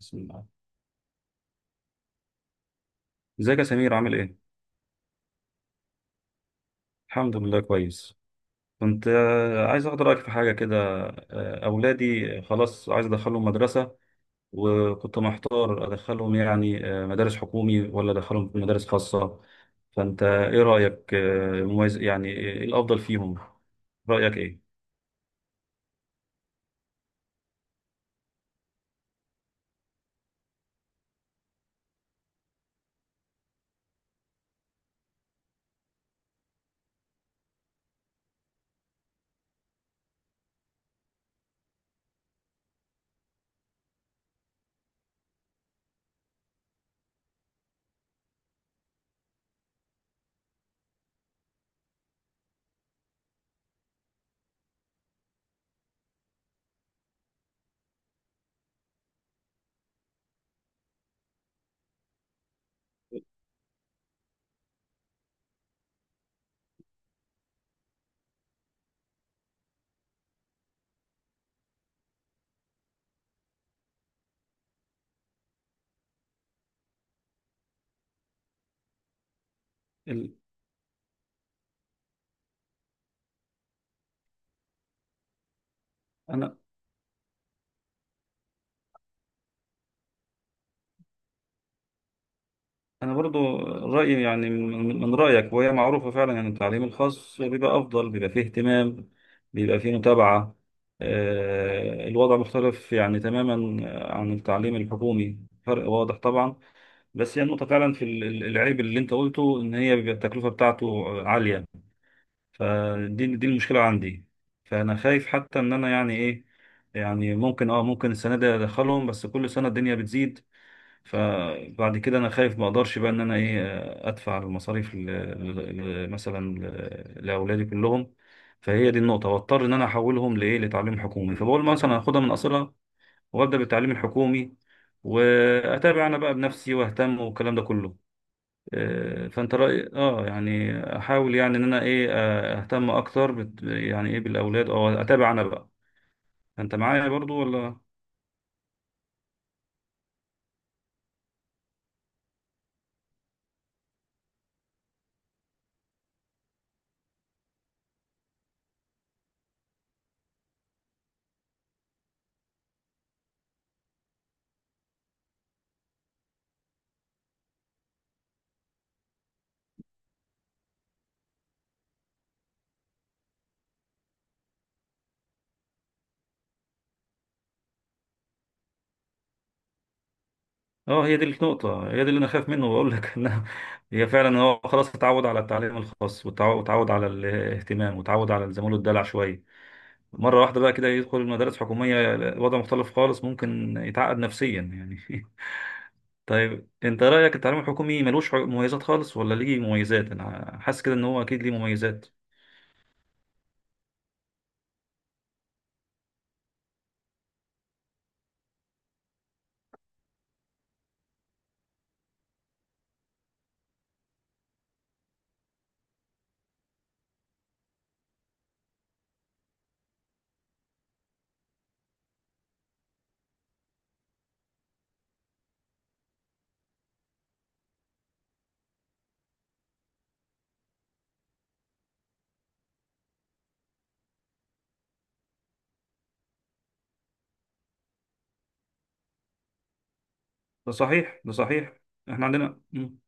بسم الله. ازيك يا سمير، عامل ايه؟ الحمد لله كويس. كنت عايز اخد رايك في حاجه كده. اولادي خلاص، عايز ادخلهم مدرسه، وكنت محتار ادخلهم يعني مدارس حكومي ولا ادخلهم في مدارس خاصه؟ فانت ايه رايك مميز، يعني ايه الافضل فيهم؟ رايك ايه؟ ال- أنا برضو رأيي يعني من رأيك، وهي معروفة فعلا، يعني التعليم الخاص بيبقى أفضل، بيبقى فيه اهتمام، بيبقى فيه متابعة. الوضع مختلف يعني تماما عن التعليم الحكومي، فرق واضح طبعا. بس هي النقطة فعلا في العيب اللي أنت قلته، إن هي بيبقى التكلفة بتاعته عالية. فدي المشكلة عندي. فأنا خايف حتى إن أنا يعني إيه، يعني ممكن السنة دي أدخلهم، بس كل سنة الدنيا بتزيد. فبعد كده انا خايف ما اقدرش بقى ان انا ايه، ادفع المصاريف مثلا لاولادي كلهم. فهي دي النقطه، واضطر ان انا احولهم لايه، لتعليم حكومي. فبقول مثلا هاخدها من اصلها وابدا بالتعليم الحكومي واتابع انا بقى بنفسي واهتم، والكلام ده كله. فانت راي يعني، احاول يعني ان انا ايه، اهتم اكتر يعني ايه بالاولاد، او اتابع انا بقى. انت معايا برضو ولا؟ اه، هي دي النقطة، هي دي اللي أنا خايف منه وأقول لك إنها هي فعلا. هو خلاص اتعود على التعليم الخاص، واتعود على الاهتمام، واتعود على الزميل، الدلع شوية. مرة واحدة بقى كده يدخل المدارس الحكومية، وضع مختلف خالص، ممكن يتعقد نفسيا يعني طيب أنت رأيك التعليم الحكومي ملوش مميزات خالص، ولا ليه مميزات؟ أنا حاسس كده إن هو أكيد ليه مميزات. ده صحيح، ده صحيح، إحنا عندنا.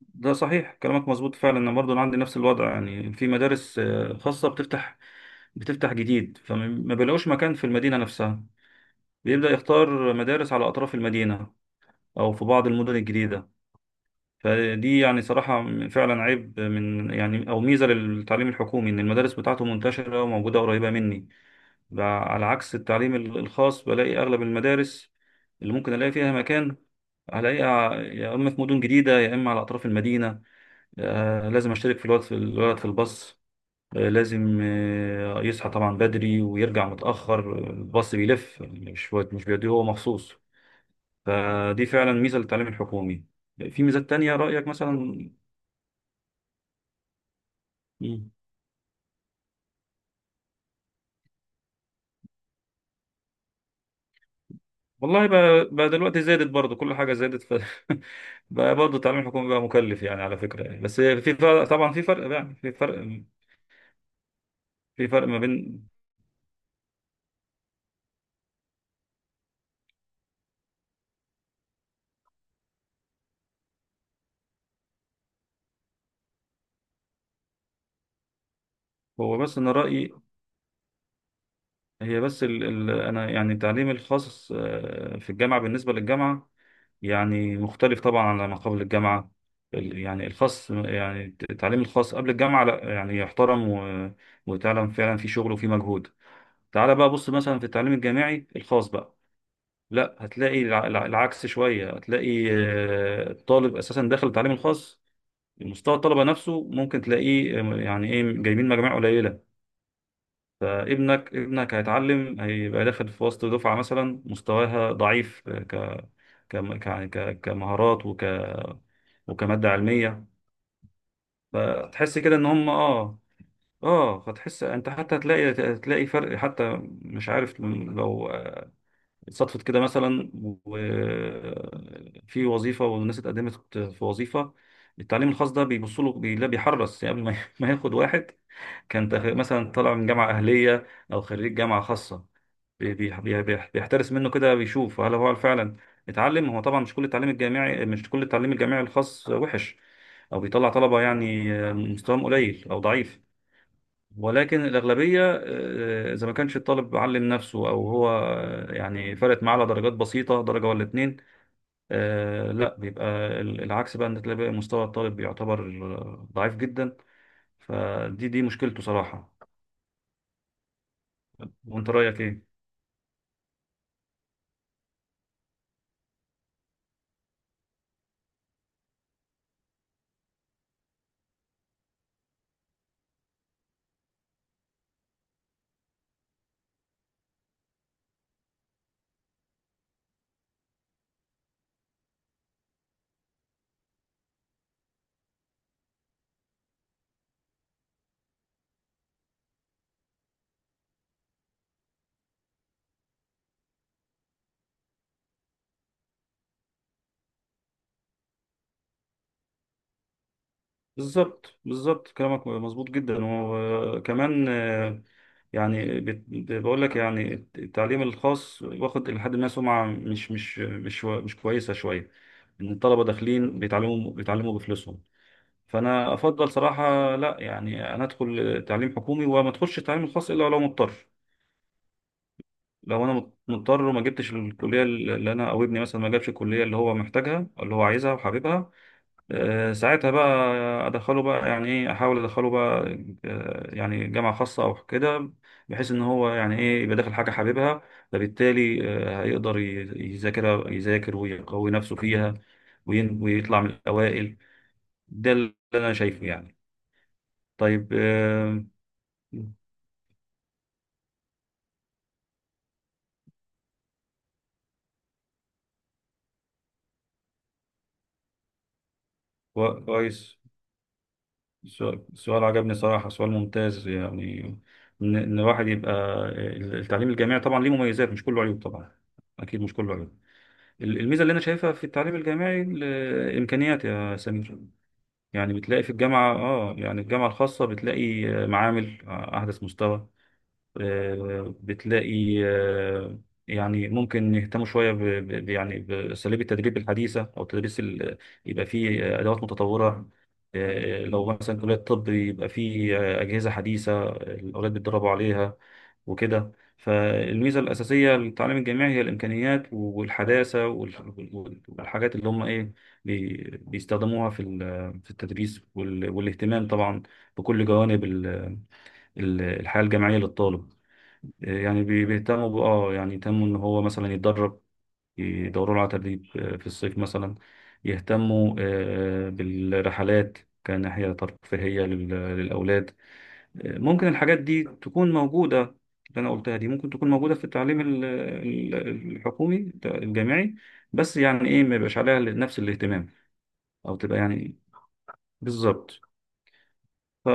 ده صحيح، كلامك مظبوط فعلا. أنا برضه عندي نفس الوضع، يعني في مدارس خاصة بتفتح جديد، فما بيلاقوش مكان في المدينة نفسها، بيبدأ يختار مدارس على أطراف المدينة، أو في بعض المدن الجديدة. فدي يعني صراحة فعلا عيب من يعني، أو ميزة للتعليم الحكومي إن المدارس بتاعته منتشرة وموجودة قريبة مني. على عكس التعليم الخاص، بلاقي أغلب المدارس اللي ممكن ألاقي فيها مكان، هلاقيها يا إما في مدن جديدة يا إما على أطراف المدينة. لازم أشترك في الولد، في الباص. لازم يصحى طبعا بدري ويرجع متأخر، الباص بيلف يعني، مش بيوديه هو مخصوص. فدي فعلا ميزة للتعليم الحكومي. في ميزات تانية رأيك مثلا؟ مم. والله بقى دلوقتي زادت برضه، كل حاجة زادت بقى برضه التعليم الحكومي بقى مكلف يعني، على فكرة يعني. بس في فرق طبعا، في فرق يعني، في فرق، في فرق ما بين. هو بس أنا رأيي، هي بس أنا يعني التعليم الخاص في الجامعة، بالنسبة للجامعة يعني مختلف طبعا على ما قبل الجامعة. يعني الخاص، يعني التعليم الخاص قبل الجامعة، لا يعني يحترم وتعلم فعلا في شغل وفي مجهود. تعال بقى بص مثلا في التعليم الجامعي الخاص بقى، لا هتلاقي العكس شوية، هتلاقي الطالب أساسا داخل التعليم الخاص، مستوى الطلبة نفسه ممكن تلاقيه يعني إيه جايبين مجاميع قليلة. فابنك هيتعلم، هيبقى داخل في وسط دفعة مثلا مستواها ضعيف، كمهارات وكمادة علمية. فتحس كده ان هم اه فتحس انت حتى هتلاقي فرق، حتى مش عارف لو صدفت كده مثلا، وفي وظيفة والناس اتقدمت في وظيفة، التعليم الخاص ده بيبص له، لا بيحرص يعني قبل ما ما ياخد واحد كان مثلا طالع من جامعة أهلية، أو خريج جامعة خاصة، بيحترس منه كده، بيشوف هل هو فعلا اتعلم. هو طبعا مش كل التعليم الجامعي الخاص وحش، أو بيطلع طلبة يعني مستواهم قليل أو ضعيف. ولكن الأغلبية، إذا ما كانش الطالب علم نفسه أو هو يعني فرقت معاه على درجات بسيطة، درجة ولا اتنين، لا بيبقى العكس بقى، إن تلاقي بقى مستوى الطالب بيعتبر ضعيف جدا. فدي مشكلته صراحة. وانت رايك ايه؟ بالظبط، بالظبط، كلامك مظبوط جدا. وكمان يعني بقول لك، يعني التعليم الخاص واخد لحد ما سمعه مش كويسه شويه، ان الطلبه داخلين بيتعلموا بفلوسهم. فانا افضل صراحه، لا يعني انا ادخل تعليم حكومي وما ادخلش التعليم الخاص الا لو مضطر. لو انا مضطر وما جبتش الكليه اللي انا، او ابني مثلا ما جابش الكليه اللي هو محتاجها، اللي هو عايزها وحاببها، ساعتها بقى ادخله بقى، يعني ايه، احاول ادخله بقى يعني جامعه خاصه او كده، بحيث ان هو يعني ايه يبقى داخل حاجه حاببها، فبالتالي هيقدر يذاكر ويقوي نفسه فيها، ويطلع من الاوائل. ده اللي انا شايفه يعني. طيب، كويس، سؤال عجبني صراحه، سؤال ممتاز يعني، إن الواحد يبقى التعليم الجامعي طبعا ليه مميزات، مش كله عيوب طبعا، اكيد مش كله عيوب. الميزه اللي انا شايفها في التعليم الجامعي الامكانيات يا سمير، يعني بتلاقي في الجامعه يعني الجامعه الخاصه، بتلاقي معامل احدث مستوى. بتلاقي يعني ممكن يهتموا شوية يعني بأساليب التدريب الحديثة، أو التدريس يبقى فيه أدوات متطورة. لو مثلا كلية طب، يبقى فيه أجهزة حديثة، الأولاد بيتدربوا عليها وكده. فالميزة الأساسية للتعليم الجامعي هي الإمكانيات والحداثة والحاجات اللي هم إيه بيستخدموها في التدريس والاهتمام طبعا بكل جوانب الحياة الجامعية للطالب. يعني بيهتموا يعني يهتموا ان هو مثلا يتدرب، يدوروا له على تدريب في الصيف مثلا، يهتموا بالرحلات كناحية ترفيهية للأولاد. ممكن الحاجات دي تكون موجودة، اللي أنا قلتها دي ممكن تكون موجودة في التعليم الحكومي الجامعي، بس يعني إيه ما يبقاش عليها نفس الاهتمام، أو تبقى يعني، بالظبط. ف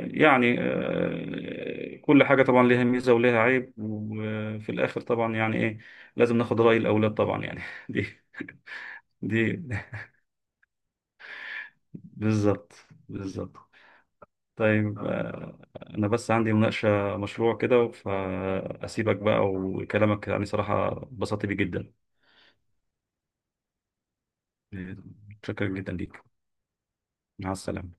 يعني كل حاجة طبعا ليها ميزة وليها عيب، وفي الآخر طبعا يعني إيه لازم ناخد رأي الأولاد طبعا يعني دي دي بالظبط، بالظبط. طيب أنا بس عندي مناقشة مشروع كده، فأسيبك بقى، وكلامك يعني صراحة اتبسطت بيه جدا. متشكر جدا ليك، مع السلامة.